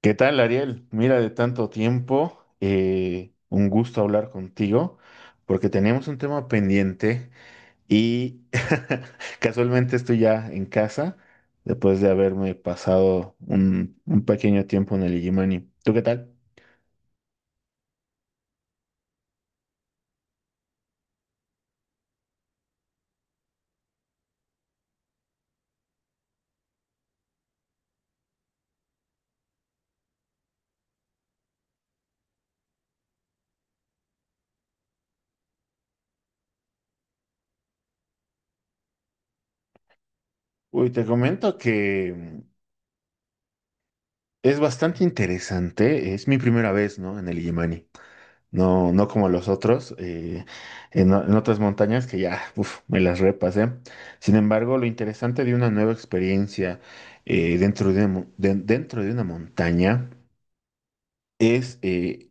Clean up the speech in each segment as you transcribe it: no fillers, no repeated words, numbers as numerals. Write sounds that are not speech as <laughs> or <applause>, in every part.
¿Qué tal, Ariel? Mira, de tanto tiempo, un gusto hablar contigo, porque tenemos un tema pendiente y <laughs> casualmente estoy ya en casa después de haberme pasado un pequeño tiempo en el Igimani. ¿Tú qué tal? Uy, te comento que es bastante interesante, es mi primera vez, ¿no? En el Igimani. No, no como los otros, en otras montañas que ya, uf, me las repasé. Sin embargo, lo interesante de una nueva experiencia dentro de una montaña es, eh,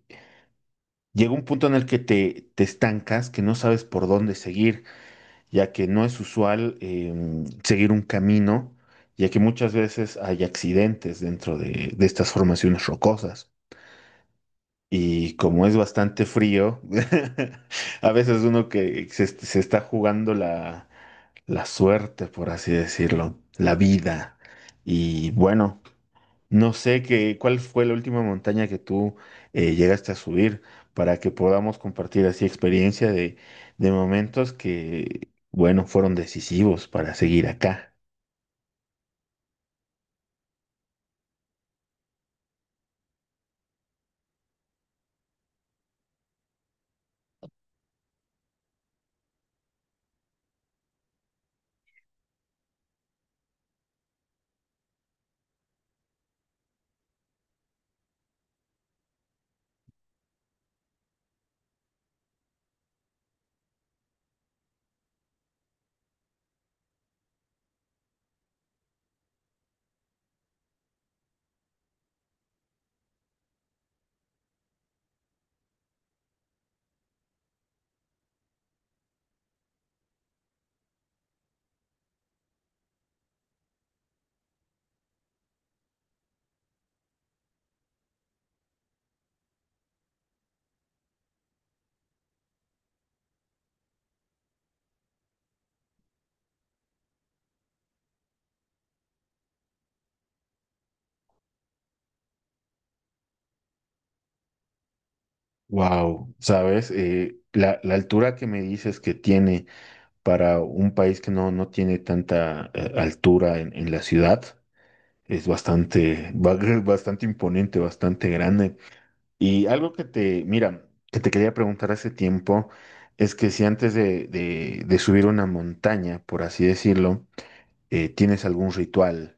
llega un punto en el que te estancas, que no sabes por dónde seguir, ya que no es usual seguir un camino, ya que muchas veces hay accidentes dentro de estas formaciones rocosas. Y como es bastante frío, <laughs> a veces uno que se está jugando la suerte, por así decirlo, la vida. Y bueno, no sé qué, ¿cuál fue la última montaña que tú llegaste a subir para que podamos compartir así experiencia de momentos que, bueno, fueron decisivos para seguir acá. Wow, ¿sabes? La altura que me dices que tiene para un país que no, no tiene tanta altura en la ciudad. Es bastante, <laughs> bastante imponente, bastante grande. Y algo que te, mira, que te quería preguntar hace tiempo es que si antes de subir una montaña, por así decirlo, tienes algún ritual.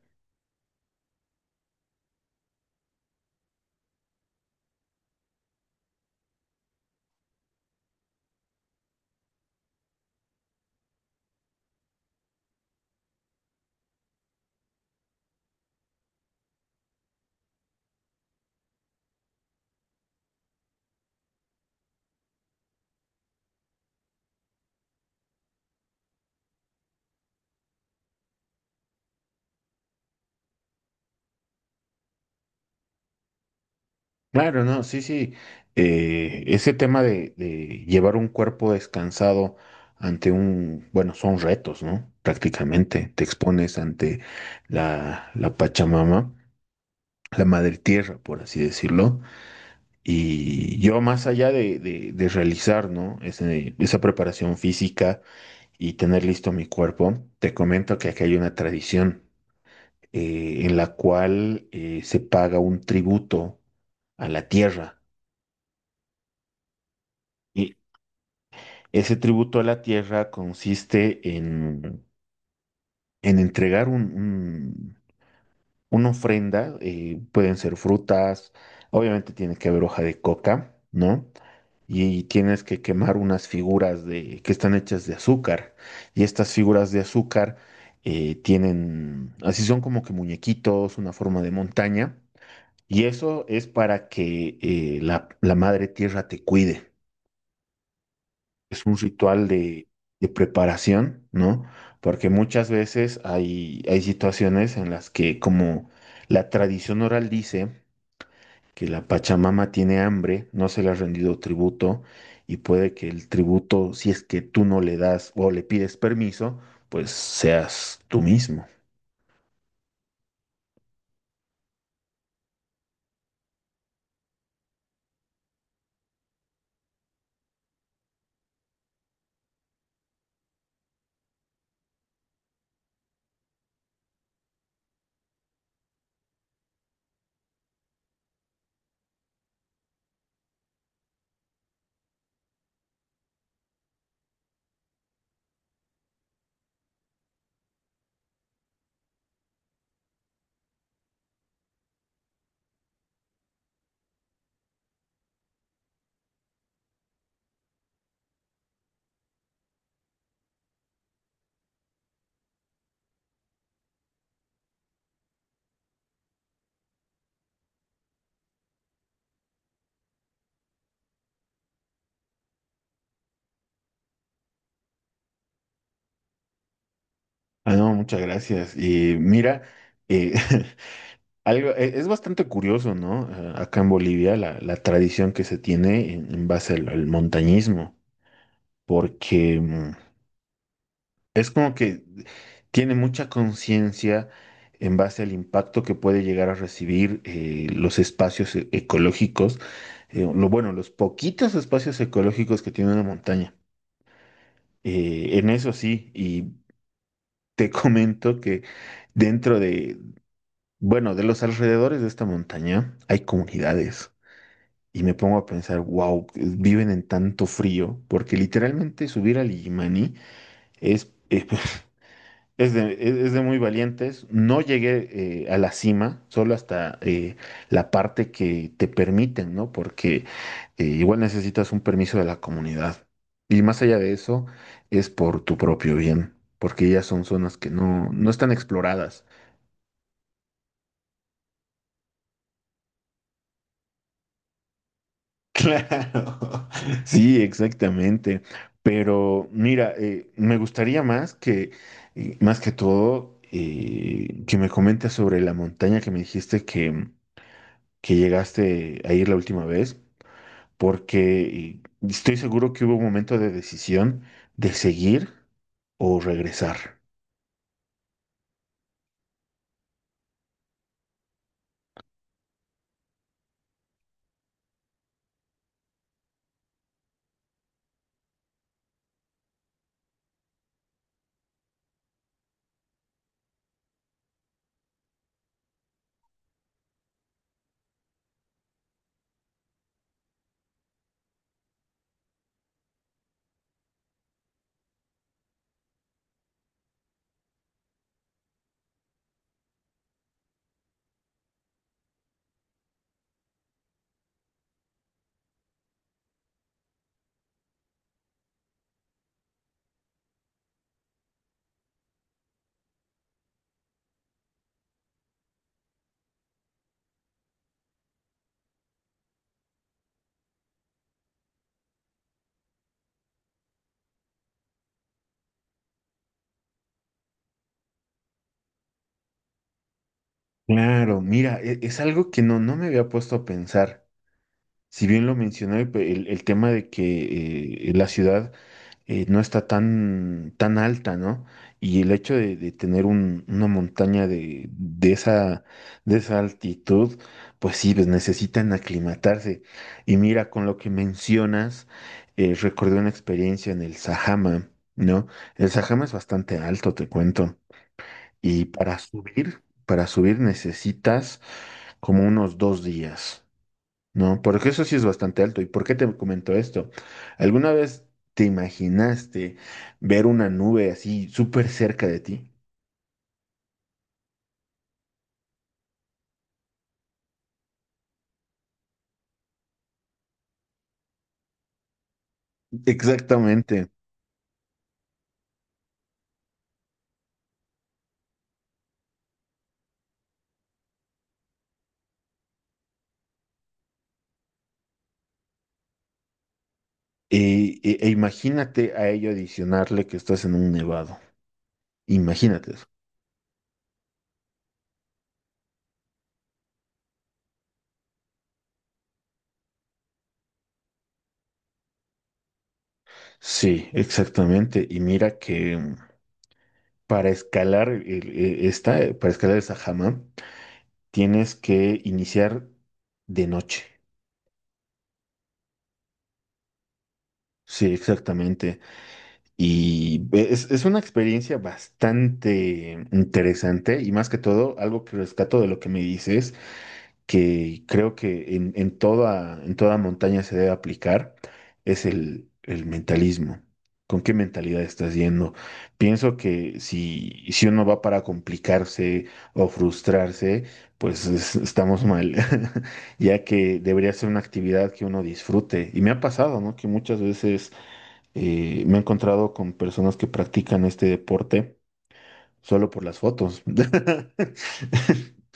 Claro, no, sí, sí. Ese tema de llevar un cuerpo descansado ante un, bueno, son retos, ¿no? Prácticamente te expones ante la Pachamama, la madre tierra, por así decirlo. Y yo más allá de, de realizar, ¿no? Esa preparación física y tener listo mi cuerpo, te comento que aquí hay una tradición en la cual se paga un tributo a la tierra. Ese tributo a la tierra consiste en entregar una ofrenda, pueden ser frutas, obviamente tiene que haber hoja de coca, ¿no? Y tienes que quemar unas figuras de, que están hechas de azúcar. Y estas figuras de azúcar tienen, así son como que muñequitos, una forma de montaña. Y eso es para que la madre tierra te cuide. Es un ritual de preparación, ¿no? Porque muchas veces hay situaciones en las que, como la tradición oral dice, que la Pachamama tiene hambre, no se le ha rendido tributo, y puede que el tributo, si es que tú no le das o le pides permiso, pues seas tú mismo. Ah, no, muchas gracias. Y mira, eh, <laughs> algo, es bastante curioso, ¿no? Acá en Bolivia, la tradición que se tiene en base al montañismo. Porque es como que tiene mucha conciencia en base al impacto que puede llegar a recibir los espacios ecológicos, lo bueno, los poquitos espacios ecológicos que tiene una montaña. En eso sí, y te <laughs> comento que dentro de, bueno, de los alrededores de esta montaña hay comunidades. Y me pongo a pensar, wow, viven en tanto frío, porque literalmente subir al Illimani es, es Es es de muy valientes. No llegué a la cima, solo hasta la parte que te permiten, ¿no? Porque igual necesitas un permiso de la comunidad. Y más allá de eso, es por tu propio bien, porque ya son zonas que no, no están exploradas. <laughs> Claro, sí, exactamente. Pero mira, me gustaría más que todo, que me comentes sobre la montaña que me dijiste que llegaste a ir la última vez, porque estoy seguro que hubo un momento de decisión de seguir o regresar. Claro, mira, es algo que no, no me había puesto a pensar. Si bien lo mencioné, el tema de que la ciudad no está tan, tan alta, ¿no? Y el hecho de tener una montaña de, de esa altitud, pues sí, pues necesitan aclimatarse. Y mira, con lo que mencionas, recordé una experiencia en el Sajama, ¿no? El Sajama es bastante alto, te cuento. Y para subir necesitas como unos dos días. No, porque eso sí es bastante alto. ¿Y por qué te comento esto? ¿Alguna vez te imaginaste ver una nube así súper cerca de ti? Exactamente. E, E imagínate a ello adicionarle que estás en un nevado. Imagínate eso. Sí, exactamente. Y mira que para escalar para escalar esa jama, tienes que iniciar de noche. Sí, exactamente. Y es una experiencia bastante interesante y más que todo, algo que rescato de lo que me dices, que creo que en toda montaña se debe aplicar, es el mentalismo. ¿Con qué mentalidad estás yendo? Pienso que si uno va para complicarse o frustrarse, pues estamos mal, <laughs> ya que debería ser una actividad que uno disfrute. Y me ha pasado, ¿no? Que muchas veces me he encontrado con personas que practican este deporte solo por las fotos. <laughs>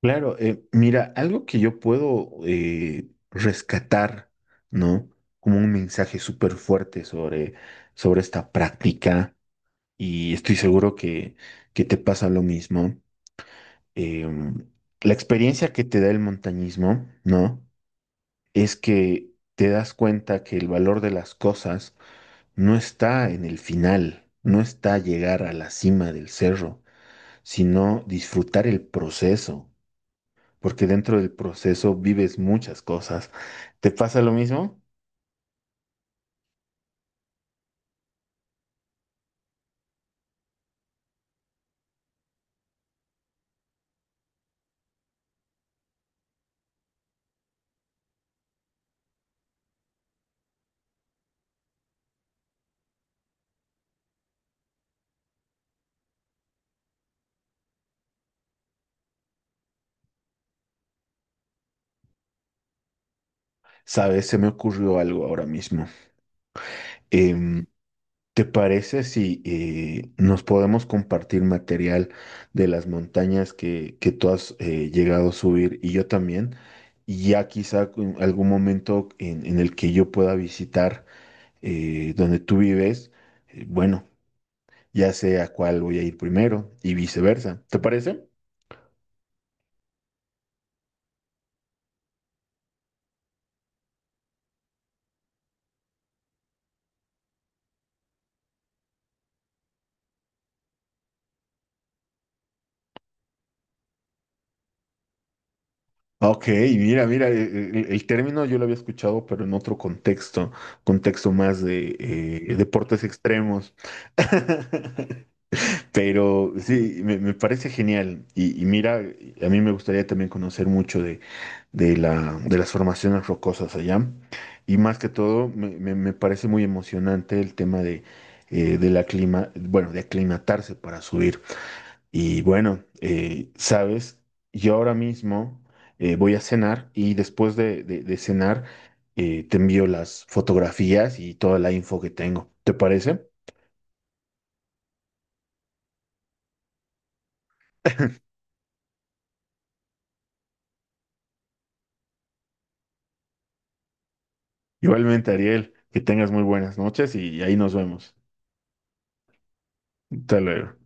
Claro, mira, algo que yo puedo rescatar, ¿no? Como un mensaje súper fuerte sobre, sobre esta práctica, y estoy seguro que te pasa lo mismo. Em, la experiencia que te da el montañismo, ¿no? Es que te das cuenta que el valor de las cosas no está en el final, no está llegar a la cima del cerro, sino disfrutar el proceso, porque dentro del proceso vives muchas cosas. ¿Te pasa lo mismo? Sabes, se me ocurrió algo ahora mismo. Em, ¿te parece si nos podemos compartir material de las montañas que tú has llegado a subir y yo también? Y ya quizá en algún momento en el que yo pueda visitar donde tú vives, bueno, ya sé a cuál voy a ir primero y viceversa. ¿Te parece? Ok, mira, mira, el término yo lo había escuchado, pero en otro contexto, contexto más de deportes extremos. <laughs> Pero sí, me parece genial. Y mira, a mí me gustaría también conocer mucho de, de las formaciones rocosas allá. Y más que todo, me, me parece muy emocionante el tema de la clima, bueno, de aclimatarse para subir. Y bueno, sabes, yo ahora mismo voy a cenar y después de, de cenar te envío las fotografías y toda la info que tengo. ¿Te parece? Igualmente, Ariel, que tengas muy buenas noches y ahí nos vemos. Hasta luego.